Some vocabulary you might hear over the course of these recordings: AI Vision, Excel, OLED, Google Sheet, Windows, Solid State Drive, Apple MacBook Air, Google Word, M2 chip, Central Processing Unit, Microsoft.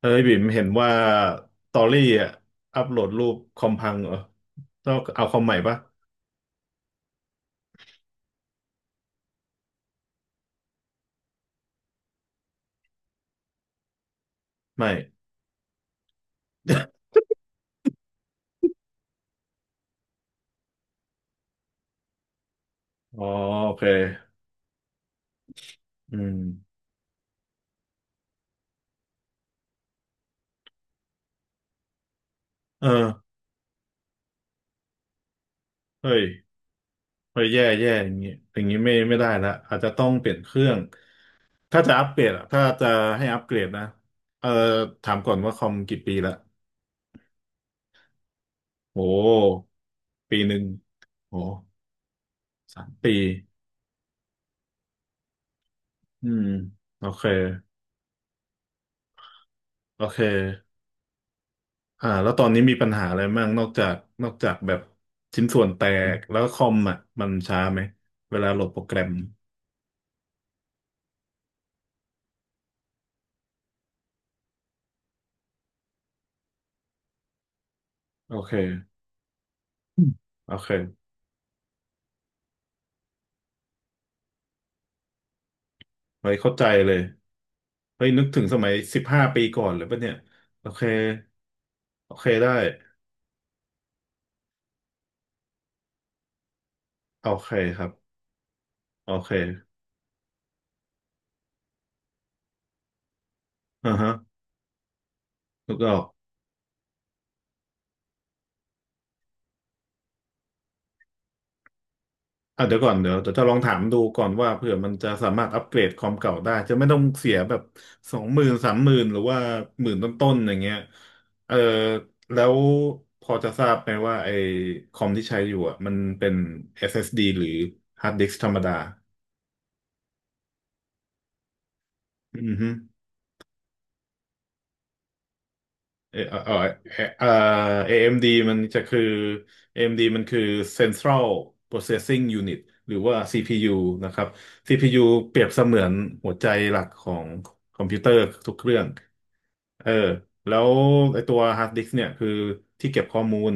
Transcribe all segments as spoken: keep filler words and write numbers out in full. เฮ้ยบิ่มเห็นว่าตอรี่อ่ะอัปโหลดรูปคอมพังเหรอต้องเอาคอมใหม่ปะไม่ อ๋อโอเคอืมเออเฮ้ยเฮ้ยแย่แย่อย่างงี้อย่างงี้ไม่ไม่ได้ละอาจจะต้องเปลี่ยนเครื่องถ้าจะอัปเกรดอะถ้าจะให้อัปเกรดนะเออถามก่อนว่าคอมกี่ปีละโอ้ปีหนึ่งโอ้สามปีอืมโอเคโอเค อ่าแล้วตอนนี้มีปัญหาอะไรบ้างนอกจากนอกจากแบบชิ้นส่วนแตกแล้วคอมอ่ะมันช้าไหมเวลาโหลดโปรแกรมโอเคอืมโอเคไว้เข้าใจเลยเฮ้ยนึกถึงสมัยสิบห้าปีก่อนเลยปะเนี่ยโอเคโอเคได้โอเคครับโอเคอ่าฮะนึกออก อ่ะเดี๋ยวก่อนเดี๋ยวเดี๋ยวจะลองถามดูก่อนว่าเผื่อมันจะสามารถอัปเกรดคอมเก่าได้จะไม่ต้องเสียแบบสองหมื่นสามหมื่นหรือว่าหมื่นต้นๆอย่างเงี้ยเออแล้วพอจะทราบไหมว่าไอ้คอมที่ใช้อยู่อ่ะมันเป็น เอส เอส ดี หรือฮาร์ดดิสก์ธรรมดาอือฮึ เออเออเอ่อ เอ เอ็ม ดี มดีมันจะคือ เอ เอ็ม ดี มดีมันคือ Central Processing Unit หรือว่า ซี พี ยู นะครับ ซี พี ยู เปรียบเสมือนหัวใจหลักของคอมพิวเตอร์ทุกเครื่องเออแล้วไอตัวฮาร์ดดิสก์เนี่ยคือที่เก็บข้อมูล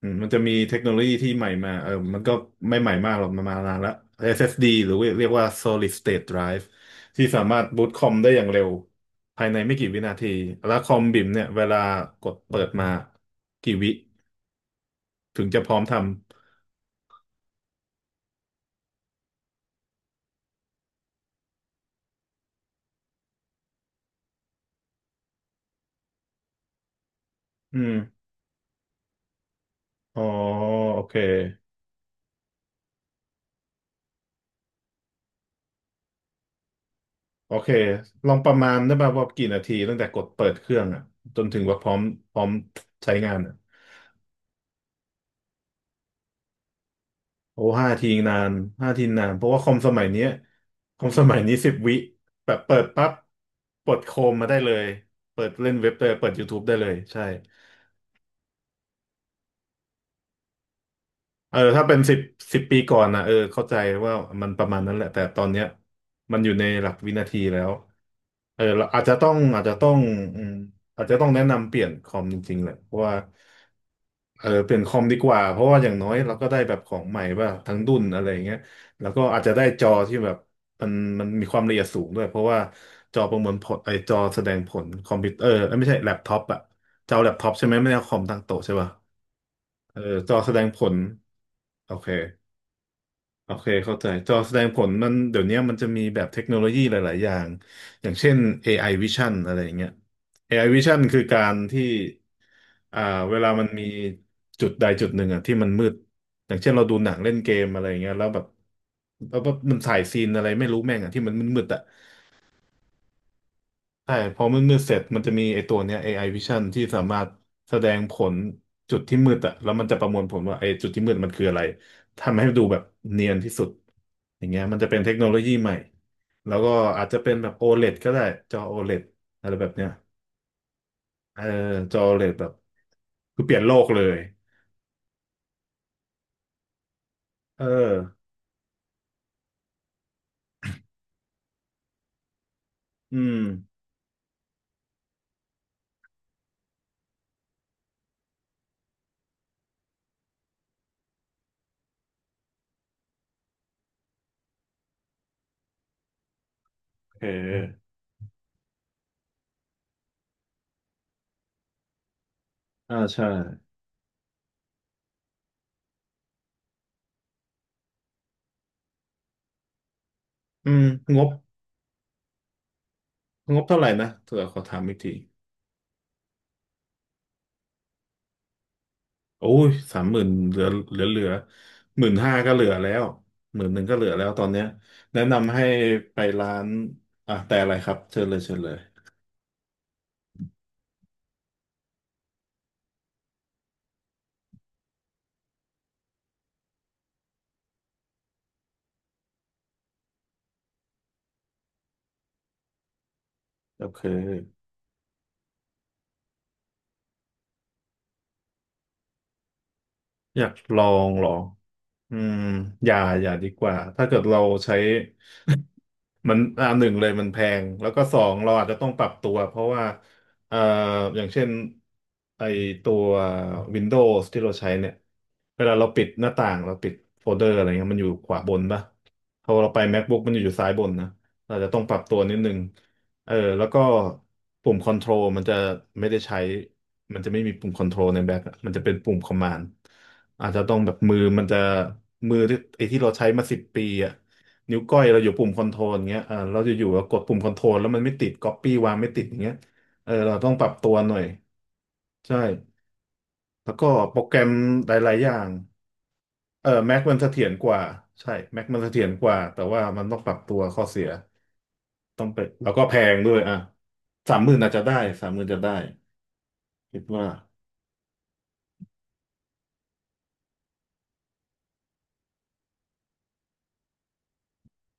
อืมมันจะมีเทคโนโลยีที่ใหม่มาเออมันก็ไม่ใหม่มากหรอกมันมานานแล้ว เอส เอส ดี หรือเรียกว่า Solid State Drive ที่สามารถบูตคอมได้อย่างเร็ว ภายในไม่กี่วินาที แล้วคอมบิ่มเนี่ยเวลากดเปิดมากี่วิถึงจะพร้อมทำ อืมอ๋อโอเค โอเค ลองประมาณได้ป่ะว่ากี่นาทีตั้งแต่กดเปิดเครื่องอ่ะจนถึงว่าพร้อมพร้อมใช้งานอ่ะโอ้ห้าทีนานห้าทีนาน เพราะว่าคอมสมัยเนี้ยคอมสมัยนี้สิบวิแบบเปิดปั๊บเปิดโคมมาได้เลยเปิดเล่นเว็บได้เลยเปิด YouTube ได้เลยใช่ เออถ้าเป็นสิบสิบปีก่อนนะเออเข้าใจว่ามันประมาณนั้นแหละแต่ตอนเนี้ยมันอยู่ในหลักวินาทีแล้วเออเราอาจจะต้องอาจจะต้องอืมอาจจะต้องแนะนำเปลี่ยนคอมจริงๆแหละเพราะว่าเออเปลี่ยนคอมดีกว่าเพราะว่าอย่างน้อยเราก็ได้แบบของใหม่ป่ะทั้งรุ่นอะไรอย่างเงี้ยแล้วก็อาจจะได้จอที่แบบมันมันมีความละเอียดสูงด้วยเพราะว่าจอประมวลผลไอจอแสดงผลคอมพิวเตอร์เอ้ยไม่ใช่แล็ปท็อปอะจอแล็ปท็อปใช่ไหมไม่ใช่คอมตั้งโต๊ะใช่ป่ะเออจอแสดงผลโอเค โอเคเข้าใจจอแสดงผลมันเดี๋ยวนี้มันจะมีแบบเทคโนโลยีหลาย ๆ อย่าง อย่างเช่น เอ ไอ Vision อะไรอย่างเงี้ย เอ ไอ Vision คือการที่อ่าเวลามันมีจุดใดจุดหนึ่งอ่ะที่มันมืด อย่างเช่นเราดูหนังเล่นเกมอะไรอย่างเงี้ยแล้วแบบแล้วแบบมันถ่ายซีนอะไรไม่รู้แม่งอ่ะที่มันมืดๆอ่ะ ใช่พอมืดๆเสร็จมันจะมีไอ้ตัวเนี้ย เอ ไอ Vision ที่สามารถแสดงผลจุดที่มืดอะแล้วมันจะประมวลผลว่าไอ้จุดที่มืดมันคืออะไรทำให้ดูแบบเนียนที่สุดอย่างเงี้ยมันจะเป็นเทคโนโลยีใหม่แล้วก็อาจจะเป็นแบบ โอ แอล อี ดี ก็ได้จอ โอ แอล อี ดี อแอลอีดีอะไรแบบเนี้ยเออจอ โอ แอล อี ดี แอลอีดีแบบคือเปลี่ยนโลกเลยเอออืมโอเคอ่าใช่อืมงบงบเท่าไหร่นะเดี๋ยวขอถามอีกที โอ้ยสามหมื่นเหลือเหลือเหลือหมื่นห้าก็เหลือแล้วหมื่นหนึ่งก็เหลือแล้วตอนเนี้ยแนะนำให้ไปร้านอ่ะแต่อะไรครับเชิญเลยเชิญเลยโอเคอยากลองเหรออืมอย่าอย่าดีกว่าถ้าเกิดเราใช้ มันอ่าหนึ่งเลยมันแพงแล้วก็สองเราอาจจะต้องปรับตัวเพราะว่าเอ่ออย่างเช่นไอตัว Windows ที่เราใช้เนี่ยเวลาเราปิดหน้าต่างเราปิดโฟลเดอร์อะไรเงี้ยมันอยู่ขวาบนป่ะพอเราไป MacBook มันอยู่อยู่ซ้ายบนนะเราจะต้องปรับตัวนิดนึงเออแล้วก็ปุ่มคอนโทรลมันจะไม่ได้ใช้มันจะไม่มีปุ่มคอนโทรลในแบ็คอะมันจะเป็นปุ่มคอมมานด์อาจจะต้องแบบมือมันจะมือที่ไอที่เราใช้มาสิบปีอ่ะ นิ้วก้อยเราอยู่ปุ่มคอนโทรลเงี้ยเออเราจะอยู่ๆเรากดปุ่มคอนโทรลแล้วมันไม่ติดก๊อปปี้วางไม่ติดอย่างเงี้ยเออเราต้องปรับตัวหน่อยใช่แล้วก็โปรแกรมหลายๆอย่างเออแม็กมันเสถียรกว่าใช่แม็กมันเสถียรกว่า แต่ว่ามันต้องปรับตัวข้อเสียต้องไปแล้วก็แพงด้วยอ่ะสามหมื่นอาจจะได้สามหมื่นจะได้คิดว่า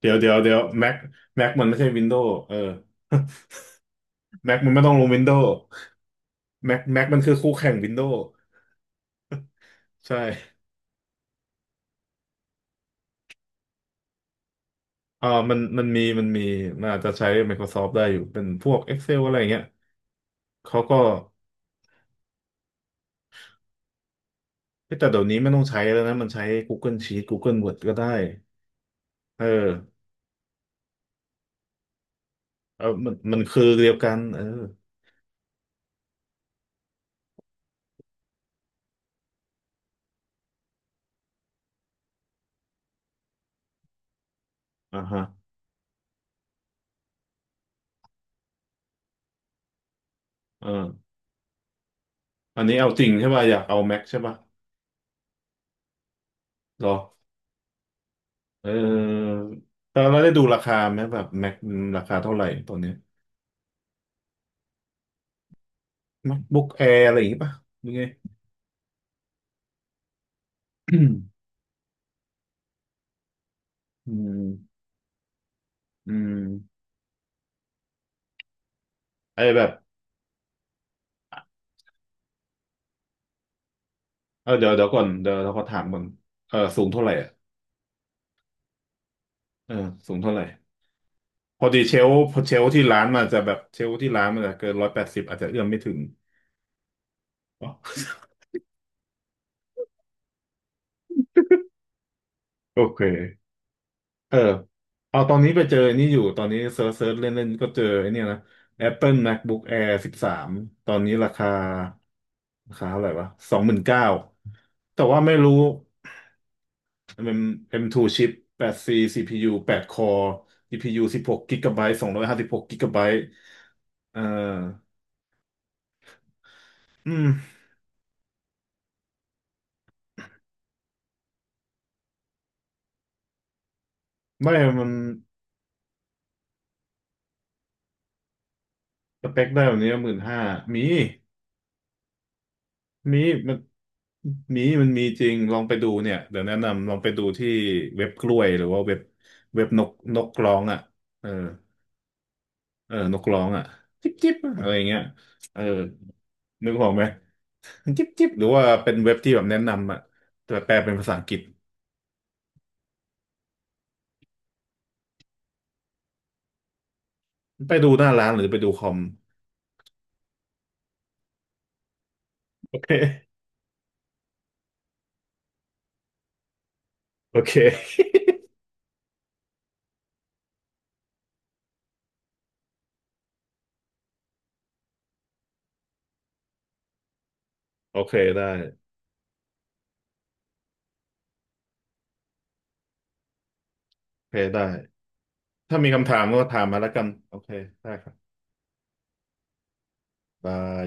เดี๋ยวเดี๋ยวเดี๋ยวแม็กแม็กมันไม่ใช่วินโด w ์เออแม็กมันไม่ต้องลงวินโด w ์แม็กแม็กมันคือคู่แข่งวินโด w ใช่ อ่ามันมันมีมันมี มันอาจจะใช้ Microsoft ได้อยู่เป็นพวก Excel อะไรอย่างเงี้ยเขาก็เฮ้ยแต่เดี๋ยวนี้ไม่ต้องใช้แล้วนะ มันใช้ Google Sheet Google Word ก็ได้ เออเออมันมันคือเดียวกันเอออ่าฮะเอออันนี้เอาจริงใช่ป่ะ อยากเอา Mac ใช่ป่ะเหรอเออ แต่เราได้ดูราคาไหมแบบ Mac ราคาเท่าไหร่ตอนเนี้ย MacBook Air อะไรอย่างงี้ป่ะยังไงอืม อืมอืมไอ้แบบเออเดี๋ยวเดี๋ยวก่อน เดี๋ยวเราขอถามก่อนเออสูงเท่าไหร่อะ เออสูงเท่าไหร่พอดีเชลฟ์พอเชลฟ์ที่ร้านมันจะแบบเชลฟ์ที่ร้านมันจะเกินร้อยแปดสิบอาจจะเอื้อมไม่ถึงโอเคเออเอาตอนนี้ไปเจอนี่อยู่ตอนนี้เซิร์ชเซิร์ชเล่นๆก็เจอไอ้เนี่ยนะ Apple MacBook Air สิบสามตอนนี้ราคาราคาเท่าไหร่วะสองหมื่นเก้าแต่ว่าไม่รู้มัน เอ็ม ทู chip แปด ซี ซี พี ยู แปด core จี พี ยู สิบหกกิบหกะไบต์สองร้อยห้าสิบหกกิกะไบต์เอ่ออืมไม่มัน สเปคได้แบบนี้หมื่นห้ามีมีมันมีมันมีจริงลองไปดูเนี่ยเดี๋ยวแนะนำลองไปดูที่เว็บกล้วยหรือว่าเว็บเว็บนกนกร้องอ่ะเออเออนกร้องอ่ะจิ๊บจิ๊บอะไรอย่างเงี้ยเออนึกออกไหม จิ๊บจิ๊บหรือว่าเป็นเว็บที่แบบแนะนำอ่ะแต่แปลเป็นภาษาอังกฤษไปดูหน้าร้านหรือไปดูคอมโอเคโอเคโอเคได้โอเคได้ถ้ามีคำถามก็ถามมาแล้วกันโอเคได้ครับบาย